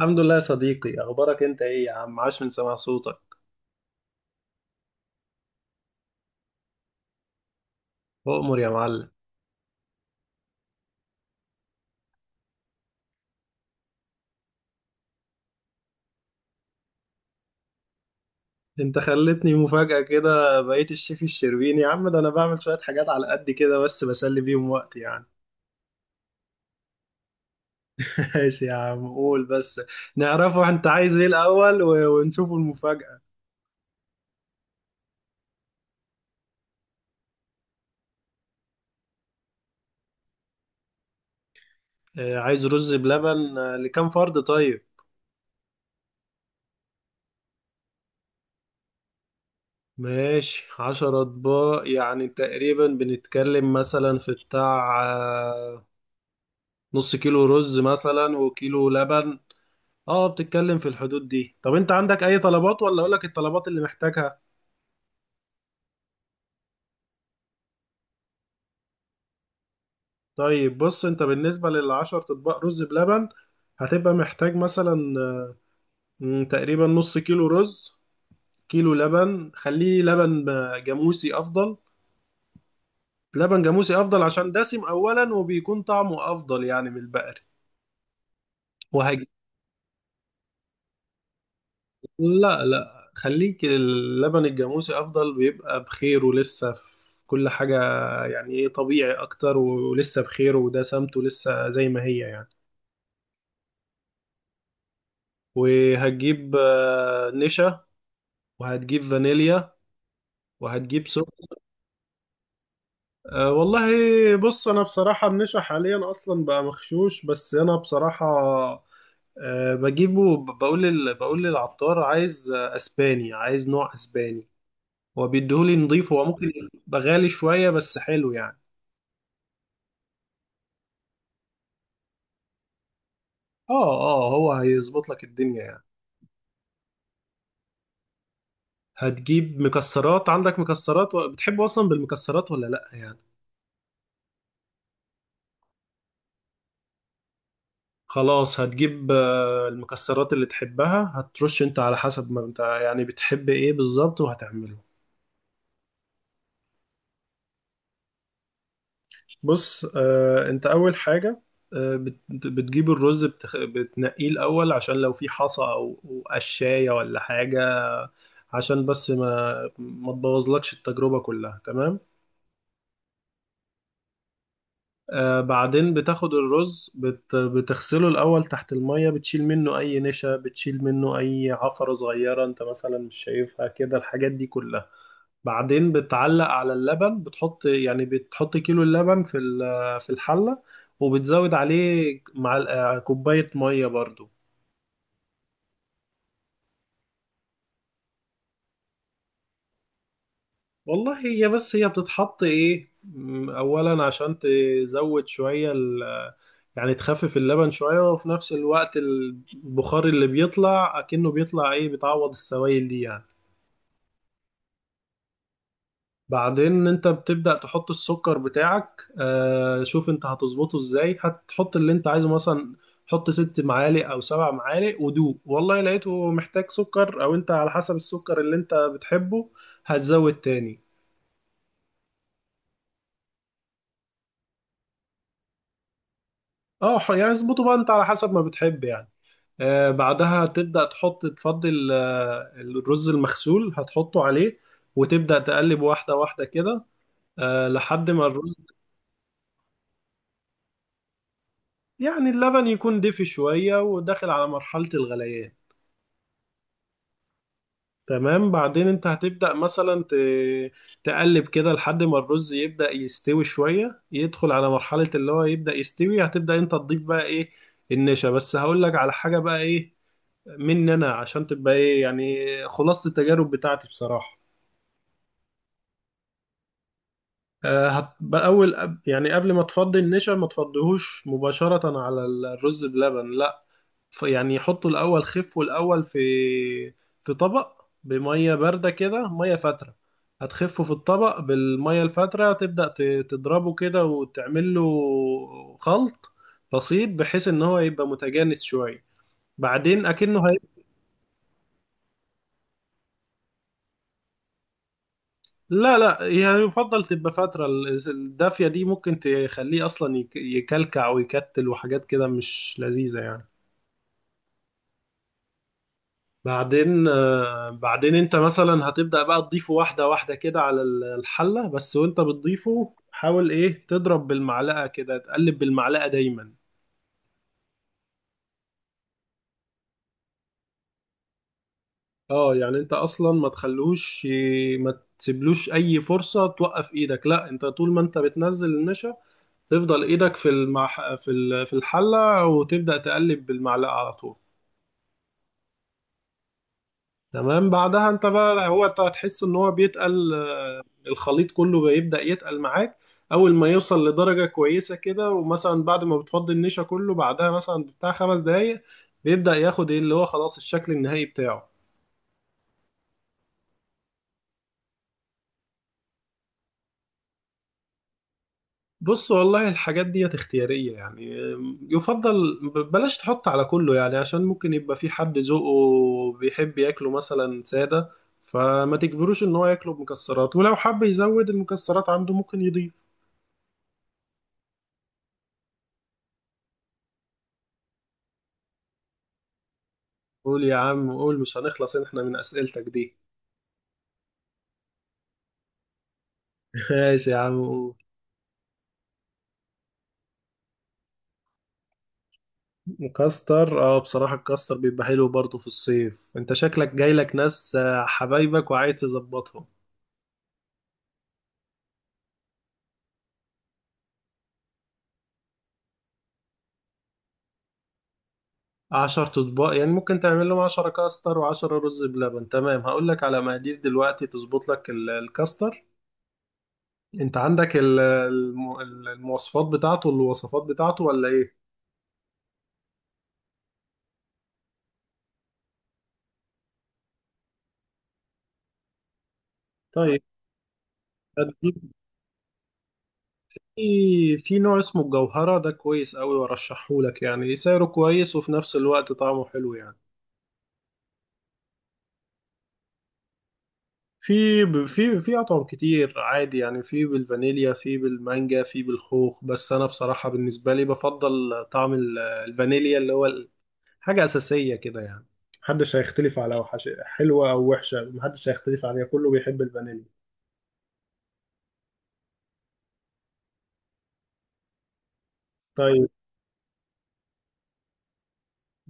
الحمد لله يا صديقي، اخبارك انت ايه يا عم؟ عاش من سمع صوتك. اؤمر يا معلم. انت خلتني مفاجأة كده، بقيت الشيف الشربيني يا عم. ده انا بعمل شوية حاجات على قد كده بس بسلي بيهم وقت يعني. ماشي يا عم، قول بس. نعرفه انت عايز ايه الاول و- ونشوفه المفاجأة. عايز رز بلبن لكام فرد؟ طيب. ماشي 10 اطباق، يعني تقريبا بنتكلم مثلا في بتاع ½ كيلو رز مثلا وكيلو لبن. اه، بتتكلم في الحدود دي. طب انت عندك اي طلبات ولا اقولك الطلبات اللي محتاجها؟ طيب بص، انت بالنسبة للعشر اطباق رز بلبن هتبقى محتاج مثلا، تقريبا ½ كيلو رز، كيلو لبن. خليه لبن جاموسي افضل. لبن جاموسي افضل عشان دسم اولا، وبيكون طعمه افضل يعني من البقري. وهي. لا، لا، خليك اللبن الجاموسي افضل، بيبقى بخير ولسه في كل حاجة. يعني ايه، طبيعي اكتر ولسه بخير، وده سمته لسه زي ما هي يعني. وهتجيب نشا. وهتجيب فانيليا. وهتجيب سكر. أه والله. بص انا بصراحة، النشا حاليا اصلا بقى مغشوش، بس انا بصراحة أه، بجيبه بقول للعطار، عايز اسباني، عايز نوع اسباني. هو بيديهولي نضيف، هو ممكن يبقى غالي شوية، بس حلو يعني. اه، هو هيظبط لك الدنيا يعني. هتجيب مكسرات. عندك مكسرات بتحب اصلا بالمكسرات ولا لا يعني؟ خلاص، هتجيب المكسرات اللي تحبها، هترش انت على حسب ما انت يعني بتحب ايه بالظبط، وهتعمله. بص، انت اول حاجة، بتجيب الرز، بتنقيه الاول عشان لو في حصى او أو قشاية ولا حاجة، عشان بس ما تبوظلكش التجربة كلها، تمام. بعدين بتاخد الرز، بتغسله الأول تحت المية، بتشيل منه أي نشا، بتشيل منه أي عفرة صغيرة أنت مثلا مش شايفها كده، الحاجات دي كلها. بعدين بتعلق على اللبن، بتحط كيلو اللبن في الحلة، وبتزود عليه مع كوباية مية برضو. والله، هي بس هي بتتحط ايه، اولا عشان تزود شوية ال، يعني تخفف اللبن شوية، وفي نفس الوقت البخار اللي بيطلع اكنه بيطلع ايه بتعوض السوائل دي يعني. بعدين انت بتبدأ تحط السكر بتاعك. شوف انت هتظبطه ازاي، هتحط اللي انت عايزه مثلا، حط 6 معالق او 7 معالق ودوق، والله لقيته محتاج سكر، او انت على حسب السكر اللي انت بتحبه هتزود تاني. اه، يعني اظبطه بقى انت على حسب ما بتحب يعني. بعدها تبدأ تحط تفضل الرز المغسول هتحطه عليه، وتبدأ تقلب واحدة واحدة كده، لحد ما الرز يعني اللبن يكون دافي شوية وداخل على مرحلة الغليان. تمام، بعدين انت هتبدأ مثلا تقلب كده لحد ما الرز يبدأ يستوي شوية، يدخل على مرحلة اللي هو يبدأ يستوي، هتبدأ انت تضيف بقى ايه؟ النشا. بس هقول لك على حاجة بقى ايه مني انا، عشان تبقى ايه يعني، خلاصة التجارب بتاعتي بصراحة. اول يعني قبل ما تفضي النشا، ما تفضيهوش مباشرة على الرز بلبن، لا. يعني حطه الاول، خفه الاول في في طبق بمية باردة كده، مية فاترة. هتخفه في الطبق بالمية الفاترة، تبدأ تضربه كده وتعمل له خلط بسيط، بحيث ان هو يبقى متجانس شوية. بعدين اكنه. لا، لا، يعني يفضل تبقى فترة الدافية دي ممكن تخليه أصلا يكلكع ويكتل وحاجات كده مش لذيذة يعني. بعدين انت مثلا هتبدأ بقى تضيفه واحدة واحدة كده على الحلة بس، وانت بتضيفه حاول ايه تضرب بالمعلقة كده، تقلب بالمعلقة دايما. اه، يعني انت اصلا ما تخلوش ي- ما تسيبلوش اي فرصة توقف ايدك. لا، انت طول ما انت بتنزل النشا تفضل ايدك في المح... في ال- في الحله، وتبدا تقلب بالمعلقه على طول. تمام، بعدها انت بقى هو انت هتحس ان هو بيتقل، الخليط كله بيبدا يتقل معاك. اول ما يوصل لدرجه كويسه كده، ومثلا بعد ما بتفضي النشا كله، بعدها مثلا بتاع 5 دقايق بيبدا ياخد ايه، اللي هو خلاص الشكل النهائي بتاعه. بص، والله الحاجات ديت اختيارية يعني، يفضل بلاش تحط على كله، يعني عشان ممكن يبقى في حد ذوقه بيحب ياكله مثلا سادة، فما تجبروش ان هو ياكله بمكسرات، ولو حب يزود المكسرات عنده ممكن يضيف. قول يا عم قول، مش هنخلص احنا من اسئلتك دي؟ ماشي يا عم قول. مكستر، اه، بصراحة الكاستر بيبقى حلو برضه في الصيف، انت شكلك جايلك ناس حبايبك وعايز تظبطهم. 10 اطباق، يعني ممكن تعمل لهم 10 كاستر وعشرة رز بلبن. تمام، هقول لك على مقادير دلوقتي تظبط لك الكاستر. انت عندك المواصفات بتاعته الوصفات بتاعته ولا ايه؟ طيب. هتجيب- في في نوع اسمه الجوهرة، ده كويس قوي وارشحه لك، يعني سعره كويس وفي نفس الوقت طعمه حلو يعني. في ب- في في اطعم كتير عادي يعني، في بالفانيليا، في بالمانجا، في بالخوخ، بس انا بصراحة بالنسبة لي بفضل طعم الفانيليا، اللي هو حاجة أساسية كده يعني. محدش هيختلف على وحش، حلوة أو وحشة محدش هيختلف عليها، كله بيحب الفانيليا. طيب.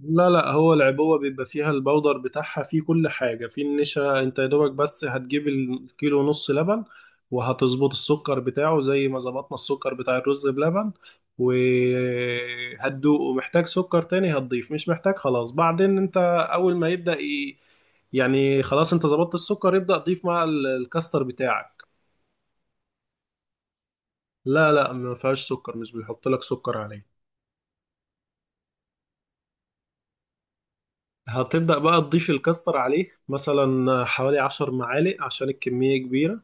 لا، لا، هو العبوة بيبقى فيها البودر بتاعها، فيه كل حاجة، فيه النشا، انت يا دوبك بس هتجيب الكيلو ونص لبن، وهتظبط السكر بتاعه زي ما ظبطنا السكر بتاع الرز بلبن، وهتدوقه، محتاج سكر تاني هتضيف، مش محتاج خلاص. بعدين انت أول ما يبدأ يعني خلاص، انت ظبطت السكر، يبدأ تضيف مع الكاستر بتاعك. لا، لا، ما فيهاش سكر، مش بيحط لك سكر عليه. هتبدأ بقى تضيف الكاستر عليه مثلا حوالي 10 معالق عشان الكمية كبيرة.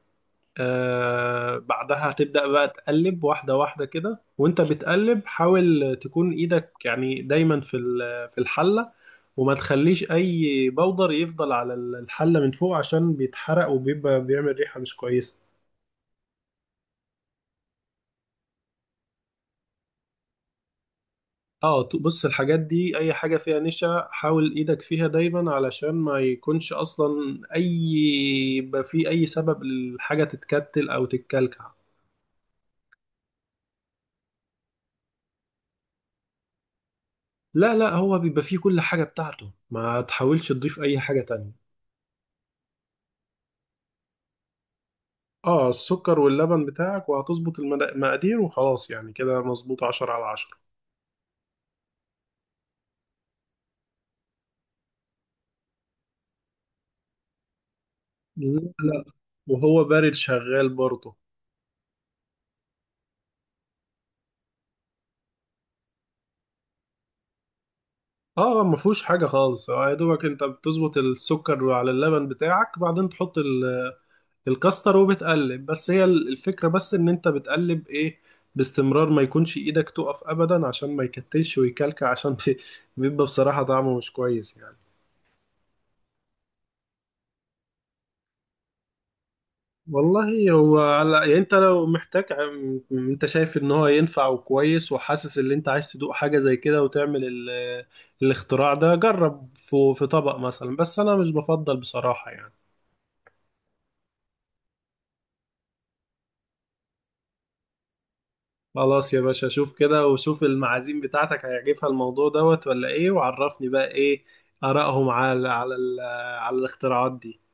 بعدها هتبدأ بقى تقلب واحدة واحدة كده، وانت بتقلب حاول تكون ايدك يعني دايما في الحلة، وما تخليش اي بودر يفضل على الحلة من فوق، عشان بيتحرق وبيبقى بيعمل ريحة مش كويسة. اه، بص، الحاجات دي اي حاجة فيها نشا حاول ايدك فيها دايما، علشان ما يكونش اصلا اي، يبقى في اي سبب الحاجة تتكتل او تتكلكع. لا، لا، هو بيبقى فيه كل حاجة بتاعته، ما تحاولش تضيف اي حاجة تانية. اه، السكر واللبن بتاعك، وهتظبط المقادير وخلاص، يعني كده مظبوط 10/10. لا، لا، وهو بارد شغال برضه. اه، ما فيهوش حاجة خالص. يا دوبك انت بتظبط السكر على اللبن بتاعك، بعدين تحط الكاستر وبتقلب، بس هي الفكرة بس ان انت بتقلب ايه باستمرار، ما يكونش ايدك تقف ابدا عشان ما يكتلش ويكلكع عشان بيبقى بصراحة طعمه مش كويس يعني. والله هو على يعني، انت لو محتاج انت شايف ان هو ينفع وكويس وحاسس ان انت عايز تدوق حاجة زي كده، وتعمل الاختراع ده، جرب في طبق مثلا، بس انا مش بفضل بصراحة يعني. خلاص يا باشا، شوف كده وشوف المعازيم بتاعتك هيعجبها الموضوع دوت ولا ايه، وعرفني بقى ايه آرائهم على الاختراعات دي.